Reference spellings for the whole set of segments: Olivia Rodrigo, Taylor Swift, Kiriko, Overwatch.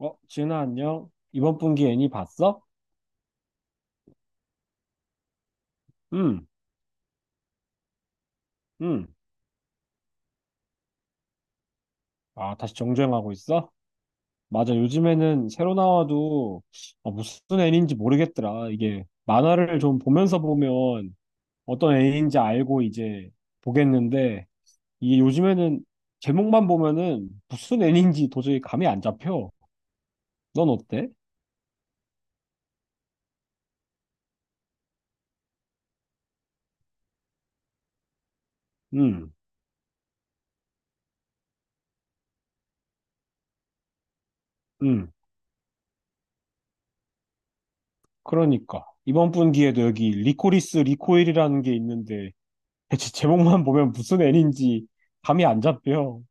어, 지은아, 안녕. 이번 분기 애니 봤어? 응, 응. 아, 다시 정주행하고 있어? 맞아, 요즘에는 새로 나와도 무슨 애니인지 모르겠더라. 이게 만화를 좀 보면서 보면 어떤 애니인지 알고 이제 보겠는데, 이게 요즘에는 제목만 보면은 무슨 애니인지 도저히 감이 안 잡혀. 넌 어때? 응, 응. 그러니까. 이번 분기에도 여기 리코리스 리코일이라는 게 있는데, 대체 제목만 보면 무슨 애니인지 감이 안 잡혀.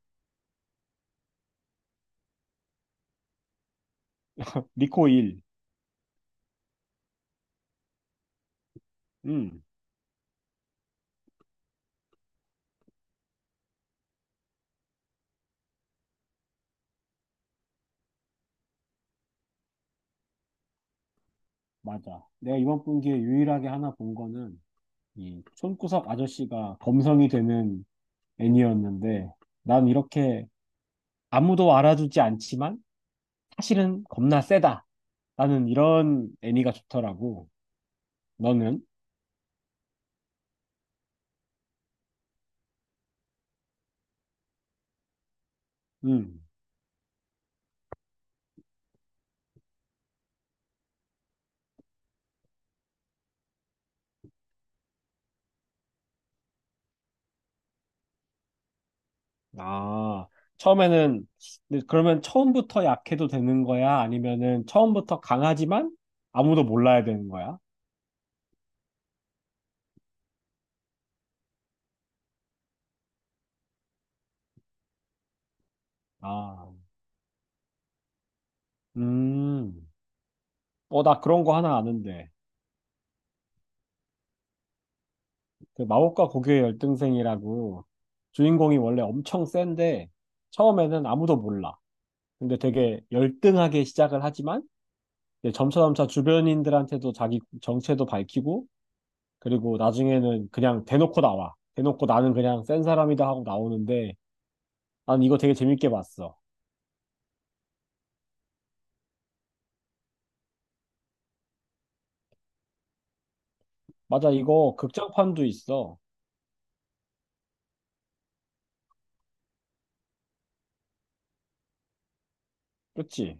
리코일. 음. 맞아, 내가 이번 분기에 유일하게 하나 본 거는 이 손구석 아저씨가 범성이 되는 애니였는데, 난 이렇게 아무도 알아주지 않지만 사실은 겁나 세다. 나는 이런 애니가 좋더라고. 너는? 음. 아, 처음에는 근데 그러면 처음부터 약해도 되는 거야? 아니면은 처음부터 강하지만 아무도 몰라야 되는 거야? 아. 음, 나 그런 거 하나 아는데. 그 마법과 고교의 열등생이라고, 주인공이 원래 엄청 센데 처음에는 아무도 몰라. 근데 되게 열등하게 시작을 하지만 이제 점차점차 주변인들한테도 자기 정체도 밝히고, 그리고 나중에는 그냥 대놓고 나와. 대놓고 나는 그냥 센 사람이다 하고 나오는데, 난 이거 되게 재밌게 봤어. 맞아, 이거 극장판도 있어. 그치?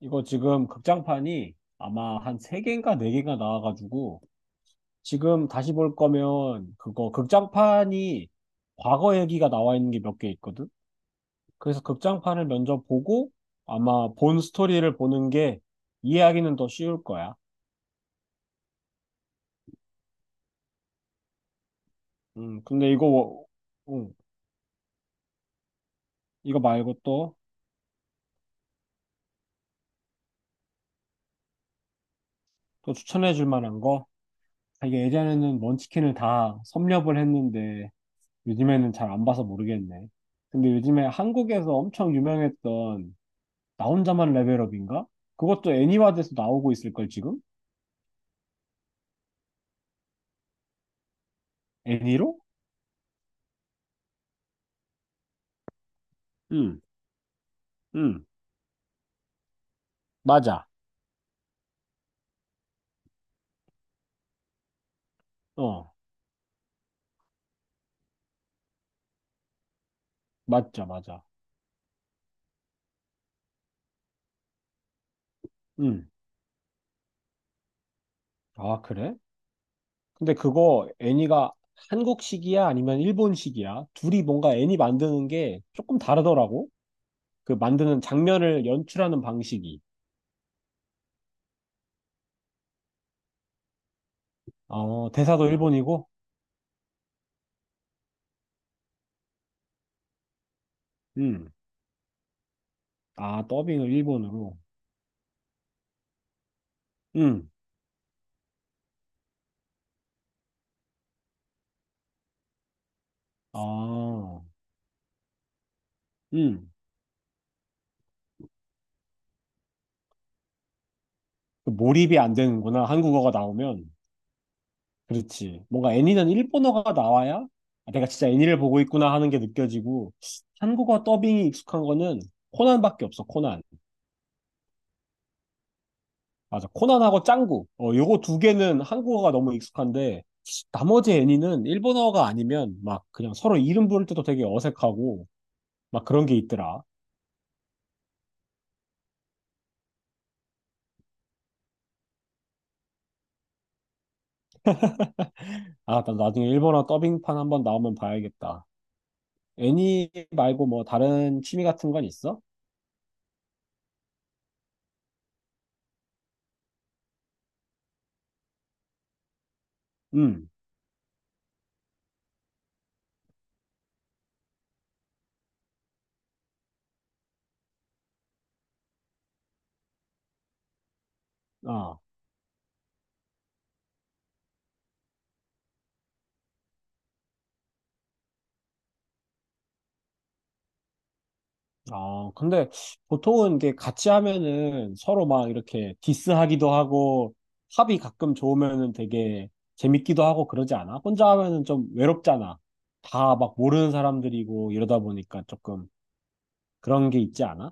이거 지금 극장판이 아마 한 세개인가네개인가 나와가지고, 지금 다시 볼 거면 그거 극장판이 과거 얘기가 나와 있는 게 몇 개 있거든. 그래서 극장판을 먼저 보고 아마 본 스토리를 보는 게 이해하기는 더 쉬울 거야. 근데 이거 음, 이거 말고 또 추천해 줄 만한 거? 아, 이게 예전에는 먼치킨을 다 섭렵을 했는데 요즘에는 잘 안 봐서 모르겠네. 근데 요즘에 한국에서 엄청 유명했던 나 혼자만 레벨업인가? 그것도 애니화돼서 나오고 있을걸, 지금? 애니로? 응. 응, 맞아. 어, 맞죠, 맞아. 응. 아, 그래? 근데 그거 애니가 한국식이야? 아니면 일본식이야? 둘이 뭔가 애니 만드는 게 조금 다르더라고. 그 만드는 장면을 연출하는 방식이. 대사도 일본이고? 응. 아, 더빙을 일본으로. 응. 아, 응. 그 몰입이 안 되는구나, 한국어가 나오면. 그렇지. 뭔가 애니는 일본어가 나와야, 아, 내가 진짜 애니를 보고 있구나 하는 게 느껴지고, 한국어 더빙이 익숙한 거는 코난밖에 없어, 코난. 맞아, 코난하고 짱구. 요거 두 개는 한국어가 너무 익숙한데 나머지 애니는 일본어가 아니면 막 그냥 서로 이름 부를 때도 되게 어색하고 막 그런 게 있더라. 아, 나 나중에 일본어 더빙판 한번 나오면 봐야겠다. 애니 말고 뭐 다른 취미 같은 건 있어? 응. 아. 아, 근데 보통은 이게 같이 하면은 서로 막 이렇게 디스하기도 하고 합이 가끔 좋으면은 되게 재밌기도 하고 그러지 않아? 혼자 하면은 좀 외롭잖아. 다 막 모르는 사람들이고 이러다 보니까 조금 그런 게 있지 않아?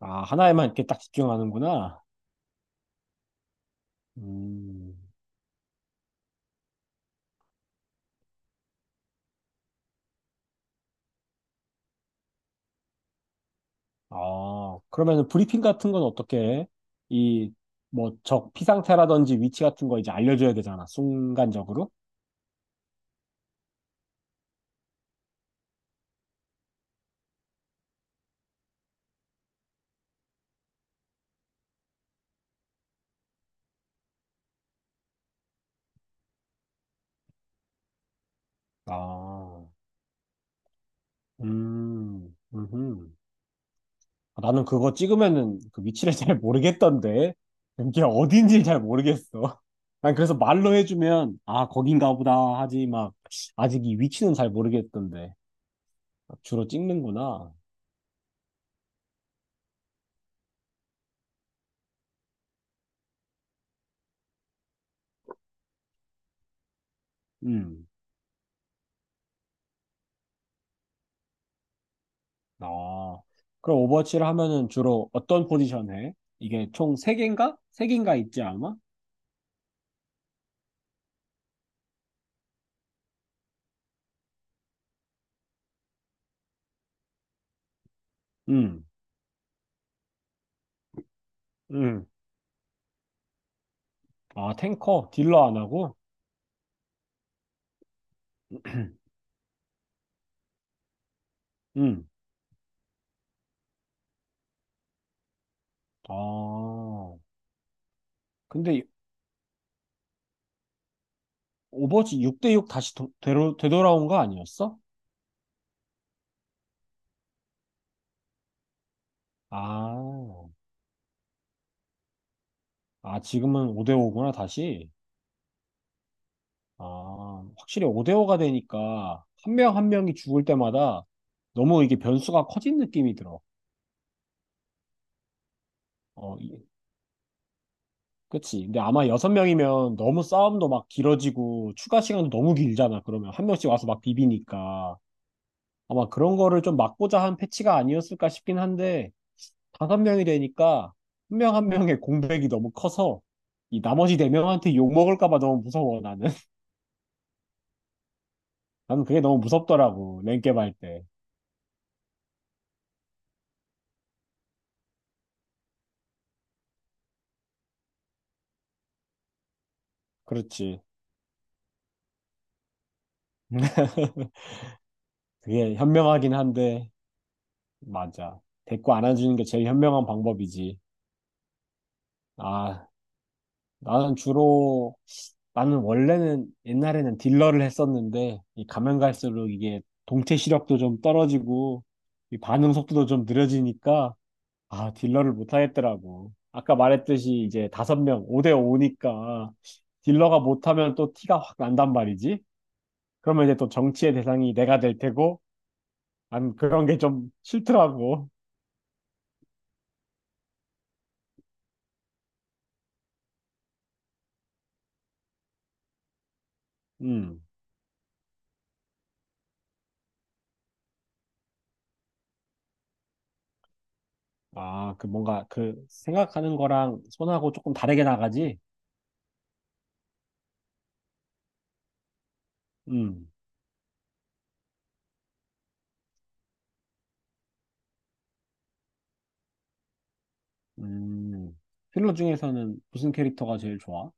아, 하나에만 이렇게 딱 집중하는구나. 음, 아, 그러면은 브리핑 같은 건 어떻게 해? 이, 뭐, 적 피상태라든지 위치 같은 거 이제 알려줘야 되잖아, 순간적으로. 아, 음, 음. 아, 나는 그거 찍으면은 그 위치를 잘 모르겠던데. 이게 어딘지 잘 모르겠어. 난 그래서 말로 해주면, 아, 거긴가 보다 하지, 막, 아직 이 위치는 잘 모르겠던데. 주로 찍는구나. 음. 아. 그럼 오버워치를 하면은 주로 어떤 포지션 해? 이게 총 세개인가세개인가 있지, 아마? 음. 음. 아, 탱커, 딜러 안 하고? 음. 아. 근데 오버워치 6대6 다시 되돌아온 거 아니었어? 아, 아, 지금은 5대5구나, 다시. 아, 확실히 5대5가 되니까 한 명 한 명이 죽을 때마다 너무 이게 변수가 커진 느낌이 들어. 어, 이- 그치. 근데 아마 여섯 명이면 너무 싸움도 막 길어지고 추가 시간도 너무 길잖아. 그러면 한 명씩 와서 막 비비니까. 아마 그런 거를 좀 막고자 한 패치가 아니었을까 싶긴 한데, 다섯 명이 되니까 한 명 한 명의 공백이 너무 커서 이 나머지 네 명한테 욕 먹을까 봐 너무 무서워, 나는. 나는 그게 너무 무섭더라고, 랭겜 할 때. 그렇지. 그게 현명하긴 한데, 맞아. 데리고 안아주는 게 제일 현명한 방법이지. 아, 나는 주로, 나는 원래는 옛날에는 딜러를 했었는데, 이 가면 갈수록 이게 동체 시력도 좀 떨어지고, 이 반응 속도도 좀 느려지니까, 아, 딜러를 못 하겠더라고. 아까 말했듯이 이제 다섯 명, 5대 5니까, 딜러가 못하면 또 티가 확 난단 말이지. 그러면 이제 또 정치의 대상이 내가 될 테고, 난 그런 게 좀 싫더라고. 음. 아, 그 뭔가 그 생각하는 거랑 손하고 조금 다르게 나가지? 음. 음. 필러 중에서는 무슨 캐릭터가 제일 좋아?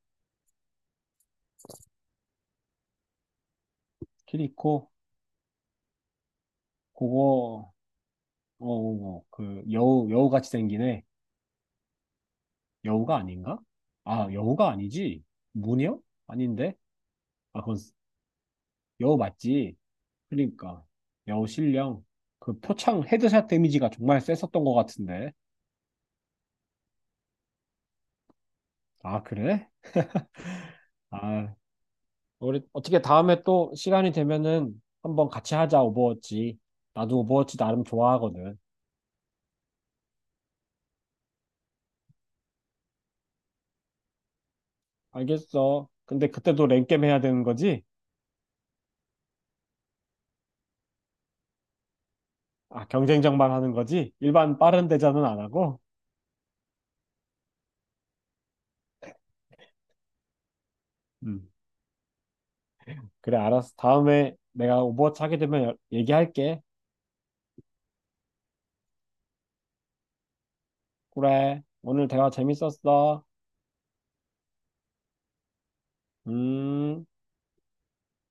키리코? 그거, 그 여우, 여우같이 생기네. 여우가 아닌가? 아, 여우가 아니지. 무녀? 아닌데? 아, 여우 맞지. 그러니까. 여우 신령. 그 표창 헤드샷 데미지가 정말 셌었던 것 같은데. 아, 그래? 아, 우리 어떻게 다음에 또 시간이 되면은 한번 같이 하자, 오버워치. 나도 오버워치 나름 좋아하거든. 알겠어. 근데 그때도 랭겜 해야 되는 거지? 아, 경쟁전만 하는 거지? 일반 빠른 대전은 안 하고? 음. 그래, 알았어. 다음에 내가 오버워치 하게 되면 얘기할게. 그래. 오늘 대화 재밌었어. 음.